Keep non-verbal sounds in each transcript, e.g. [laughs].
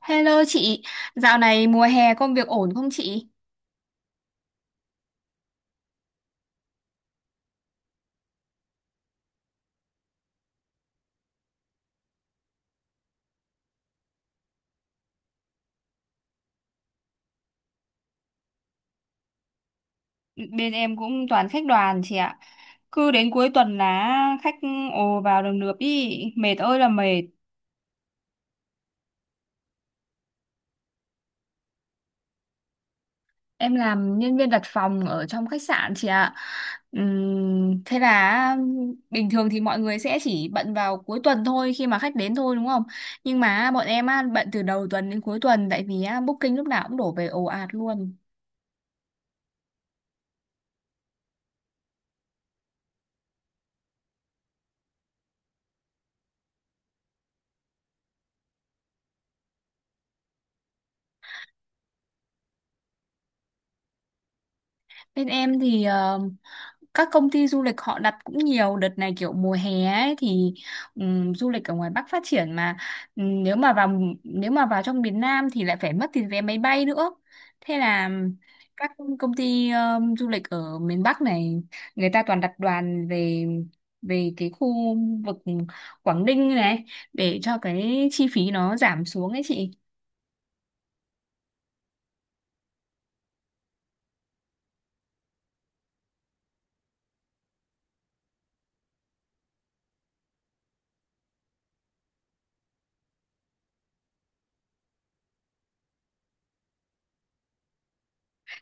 Hello chị, dạo này mùa hè công việc ổn không chị? Bên em cũng toàn khách đoàn chị ạ. Cứ đến cuối tuần là khách ồ vào đồng lượp đi, mệt ơi là mệt. Em làm nhân viên đặt phòng ở trong khách sạn chị ạ. Thế là bình thường thì mọi người sẽ chỉ bận vào cuối tuần thôi khi mà khách đến thôi đúng không? Nhưng mà bọn em á, bận từ đầu tuần đến cuối tuần tại vì á, booking lúc nào cũng đổ về ồ ạt luôn. Bên em thì các công ty du lịch họ đặt cũng nhiều đợt này kiểu mùa hè ấy thì du lịch ở ngoài Bắc phát triển mà. Nếu mà vào trong miền Nam thì lại phải mất tiền vé máy bay nữa. Thế là các công ty du lịch ở miền Bắc này người ta toàn đặt đoàn về về cái khu vực Quảng Ninh này để cho cái chi phí nó giảm xuống ấy chị.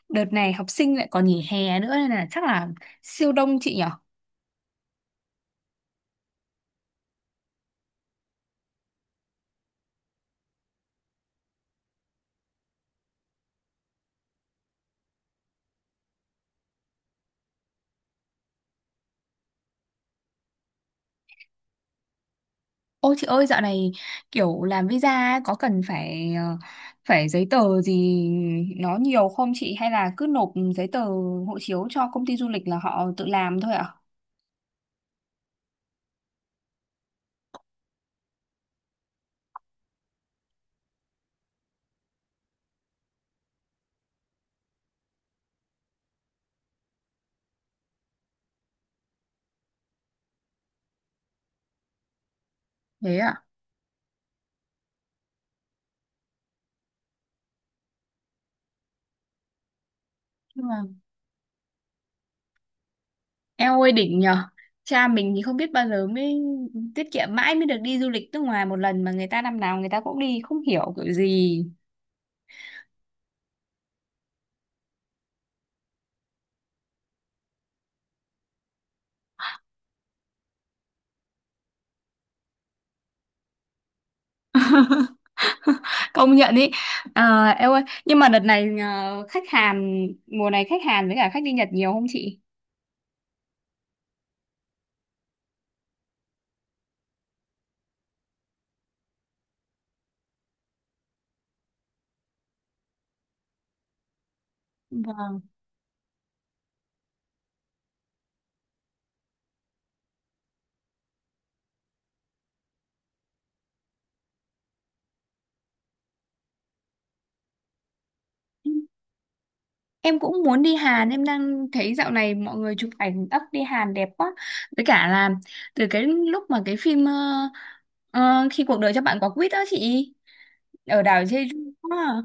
Đợt này học sinh lại còn nghỉ hè nữa nên là chắc là siêu đông chị nhỉ? Ôi chị ơi, dạo này kiểu làm visa ấy, có cần phải phải giấy tờ gì nó nhiều không chị, hay là cứ nộp giấy tờ hộ chiếu cho công ty du lịch là họ tự làm thôi ạ? Thế ạ. Nhưng mà eo ơi đỉnh nhờ. Cha mình thì không biết bao giờ mới tiết kiệm mãi mới được đi du lịch nước ngoài một lần, mà người ta năm nào người ta cũng đi không hiểu kiểu gì. Công nhận ý. À, eo ơi, nhưng mà đợt này khách Hàn mùa này, khách Hàn với cả khách đi Nhật nhiều không chị? Vâng. Em cũng muốn đi Hàn, em đang thấy dạo này mọi người chụp ảnh ấp đi Hàn đẹp quá. Với cả là từ cái lúc mà cái phim Khi cuộc đời cho bạn quả quýt đó chị, ở đảo Jeju á.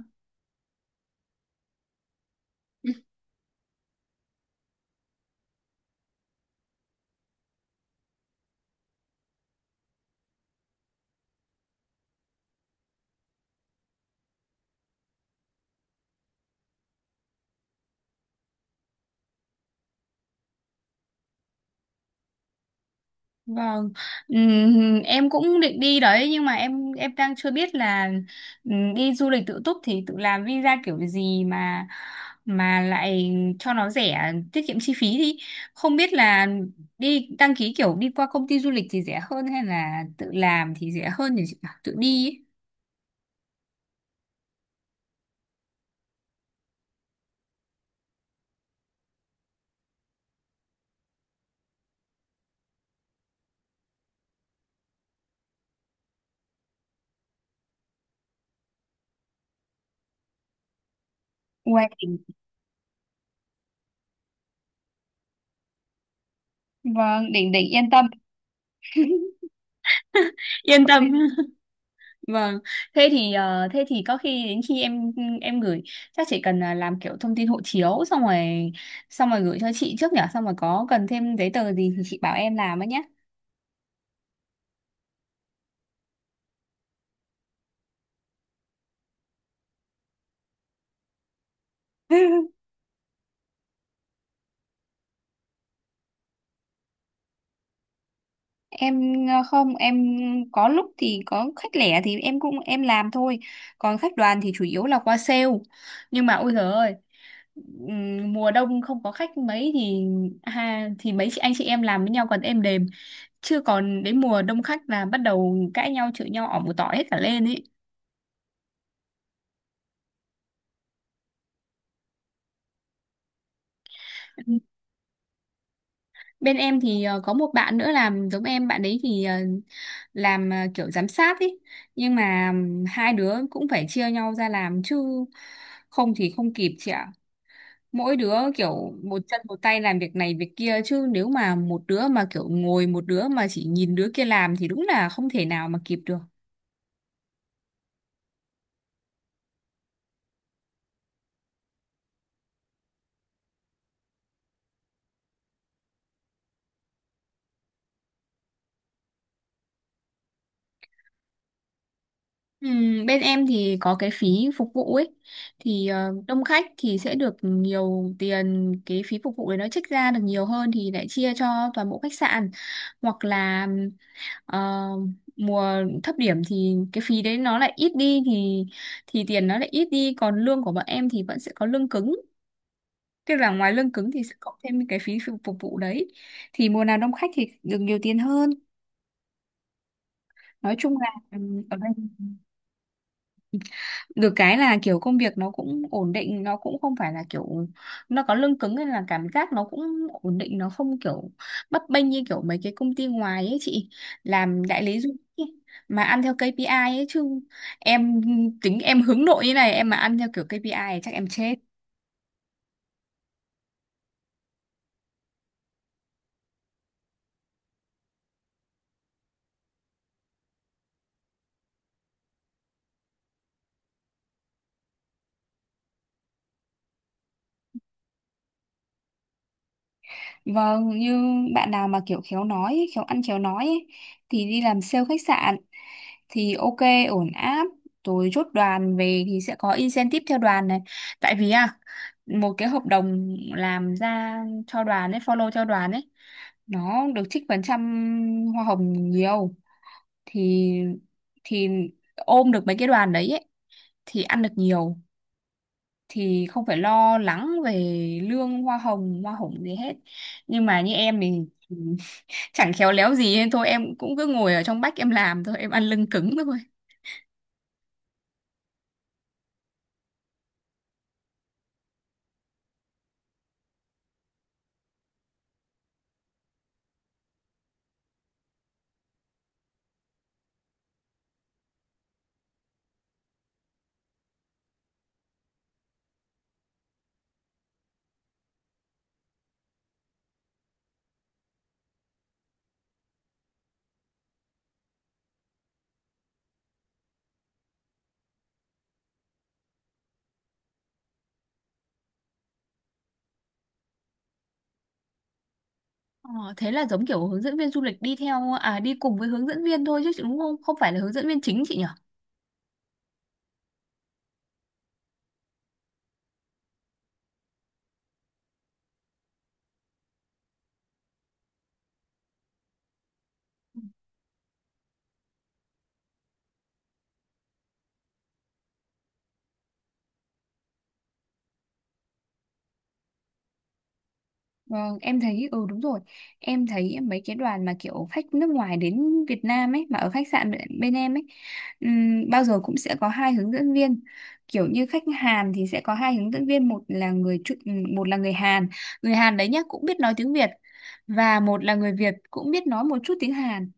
Vâng. Em cũng định đi đấy, nhưng mà em đang chưa biết là đi du lịch tự túc thì tự làm visa kiểu gì mà lại cho nó rẻ tiết kiệm chi phí, thì không biết là đi đăng ký kiểu đi qua công ty du lịch thì rẻ hơn hay là tự làm thì rẻ hơn, thì chị bảo tự đi ấy. Uầy, vâng, đỉnh đỉnh, yên tâm. Yên tâm. Vâng, thế thì thế thì có khi đến khi em gửi, chắc chị cần là làm kiểu thông tin hộ chiếu xong rồi gửi cho chị trước nhở, xong rồi có cần thêm giấy tờ gì thì chị bảo em làm ấy nhé. [laughs] Em ờ, không em có lúc thì có khách lẻ thì em cũng em làm thôi, còn khách đoàn thì chủ yếu là qua sale. Nhưng mà ôi giời ơi, mùa đông không có khách mấy thì thì mấy chị anh chị em làm với nhau còn êm đềm, chứ còn đến mùa đông khách là bắt đầu cãi nhau chửi nhau ỏm một tỏi hết cả lên ấy. Bên em thì có một bạn nữa làm giống em, bạn ấy thì làm kiểu giám sát ấy. Nhưng mà hai đứa cũng phải chia nhau ra làm chứ không thì không kịp chị ạ. Mỗi đứa kiểu một chân một tay làm việc này việc kia, chứ nếu mà một đứa mà kiểu ngồi, một đứa mà chỉ nhìn đứa kia làm thì đúng là không thể nào mà kịp được. Ừ, bên em thì có cái phí phục vụ ấy, thì đông khách thì sẽ được nhiều tiền, cái phí phục vụ đấy nó trích ra được nhiều hơn thì lại chia cho toàn bộ khách sạn. Hoặc là ờ, mùa thấp điểm thì cái phí đấy nó lại ít đi, thì tiền nó lại ít đi, còn lương của bọn em thì vẫn sẽ có lương cứng, tức là ngoài lương cứng thì sẽ cộng thêm cái phí phục phục vụ đấy, thì mùa nào đông khách thì được nhiều tiền hơn, nói chung là ừ, ở đây được cái là kiểu công việc nó cũng ổn định, nó cũng không phải là kiểu, nó có lương cứng nên là cảm giác nó cũng ổn định, nó không kiểu bấp bênh như kiểu mấy cái công ty ngoài ấy chị, làm đại lý du lịch ấy, mà ăn theo KPI ấy, chứ em tính em hướng nội như này, em mà ăn theo kiểu KPI thì chắc em chết. Vâng, như bạn nào mà kiểu khéo nói, ấy, khéo ăn khéo nói ấy, thì đi làm sale khách sạn thì ok, ổn áp. Rồi chốt đoàn về thì sẽ có incentive theo đoàn này. Tại vì à, một cái hợp đồng làm ra cho đoàn ấy, follow cho đoàn ấy, nó được trích phần trăm hoa hồng nhiều. Thì thì ôm được mấy cái đoàn đấy ấy, thì ăn được nhiều. Thì không phải lo lắng về lương hoa hồng gì hết. Nhưng mà như em thì chẳng khéo léo gì nên thôi em cũng cứ ngồi ở trong bách em làm thôi, em ăn lưng cứng thôi. Ờ, thế là giống kiểu hướng dẫn viên du lịch đi theo, à đi cùng với hướng dẫn viên thôi chứ đúng không, không phải là hướng dẫn viên chính chị nhỉ? Vâng, em thấy ừ đúng rồi. Em thấy mấy cái đoàn mà kiểu khách nước ngoài đến Việt Nam ấy mà ở khách sạn bên em ấy, bao giờ cũng sẽ có hai hướng dẫn viên. Kiểu như khách Hàn thì sẽ có hai hướng dẫn viên, một là một là người Hàn đấy nhá cũng biết nói tiếng Việt, và một là người Việt cũng biết nói một chút tiếng Hàn.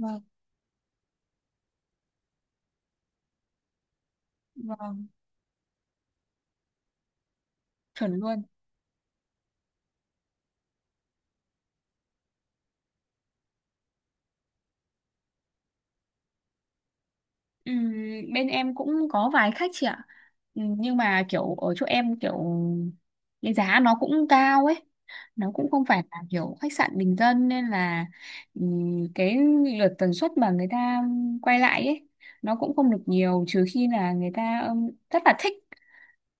Vâng, vâng, chuẩn luôn. Ừm, Bên em cũng có vài khách chị ạ. Nhưng mà kiểu ở chỗ em kiểu cái giá nó cũng cao ấy. Nó cũng không phải là kiểu khách sạn bình dân, nên là cái lượt tần suất mà người ta quay lại ấy, nó cũng không được nhiều, trừ khi là người ta rất là thích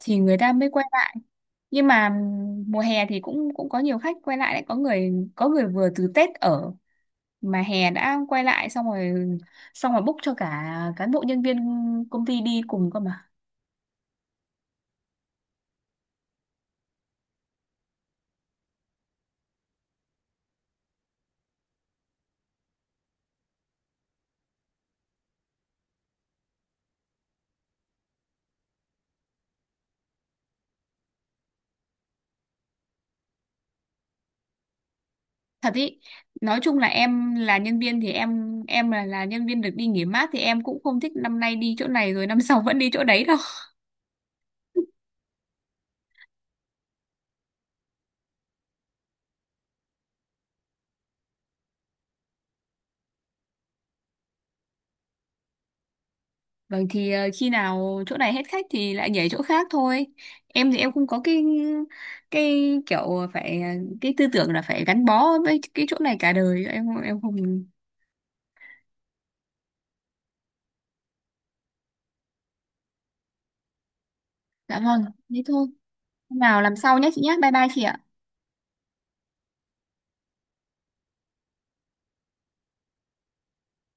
thì người ta mới quay lại. Nhưng mà mùa hè thì cũng cũng có nhiều khách quay lại đấy, có người vừa từ Tết ở mà hè đã quay lại, xong rồi book cho cả cán bộ nhân viên công ty đi cùng cơ mà. Thật ý, nói chung là em là nhân viên thì em là nhân viên được đi nghỉ mát thì em cũng không thích năm nay đi chỗ này rồi năm [laughs] sau vẫn đi chỗ đấy đâu. Vâng, thì khi nào chỗ này hết khách thì lại nhảy chỗ khác thôi. Em thì em không có cái kiểu phải, cái tư tưởng là phải gắn bó với cái chỗ này cả đời. Em không. Dạ vâng, thế thôi. Hôm nào làm sau nhé chị nhé. Bye bye chị ạ.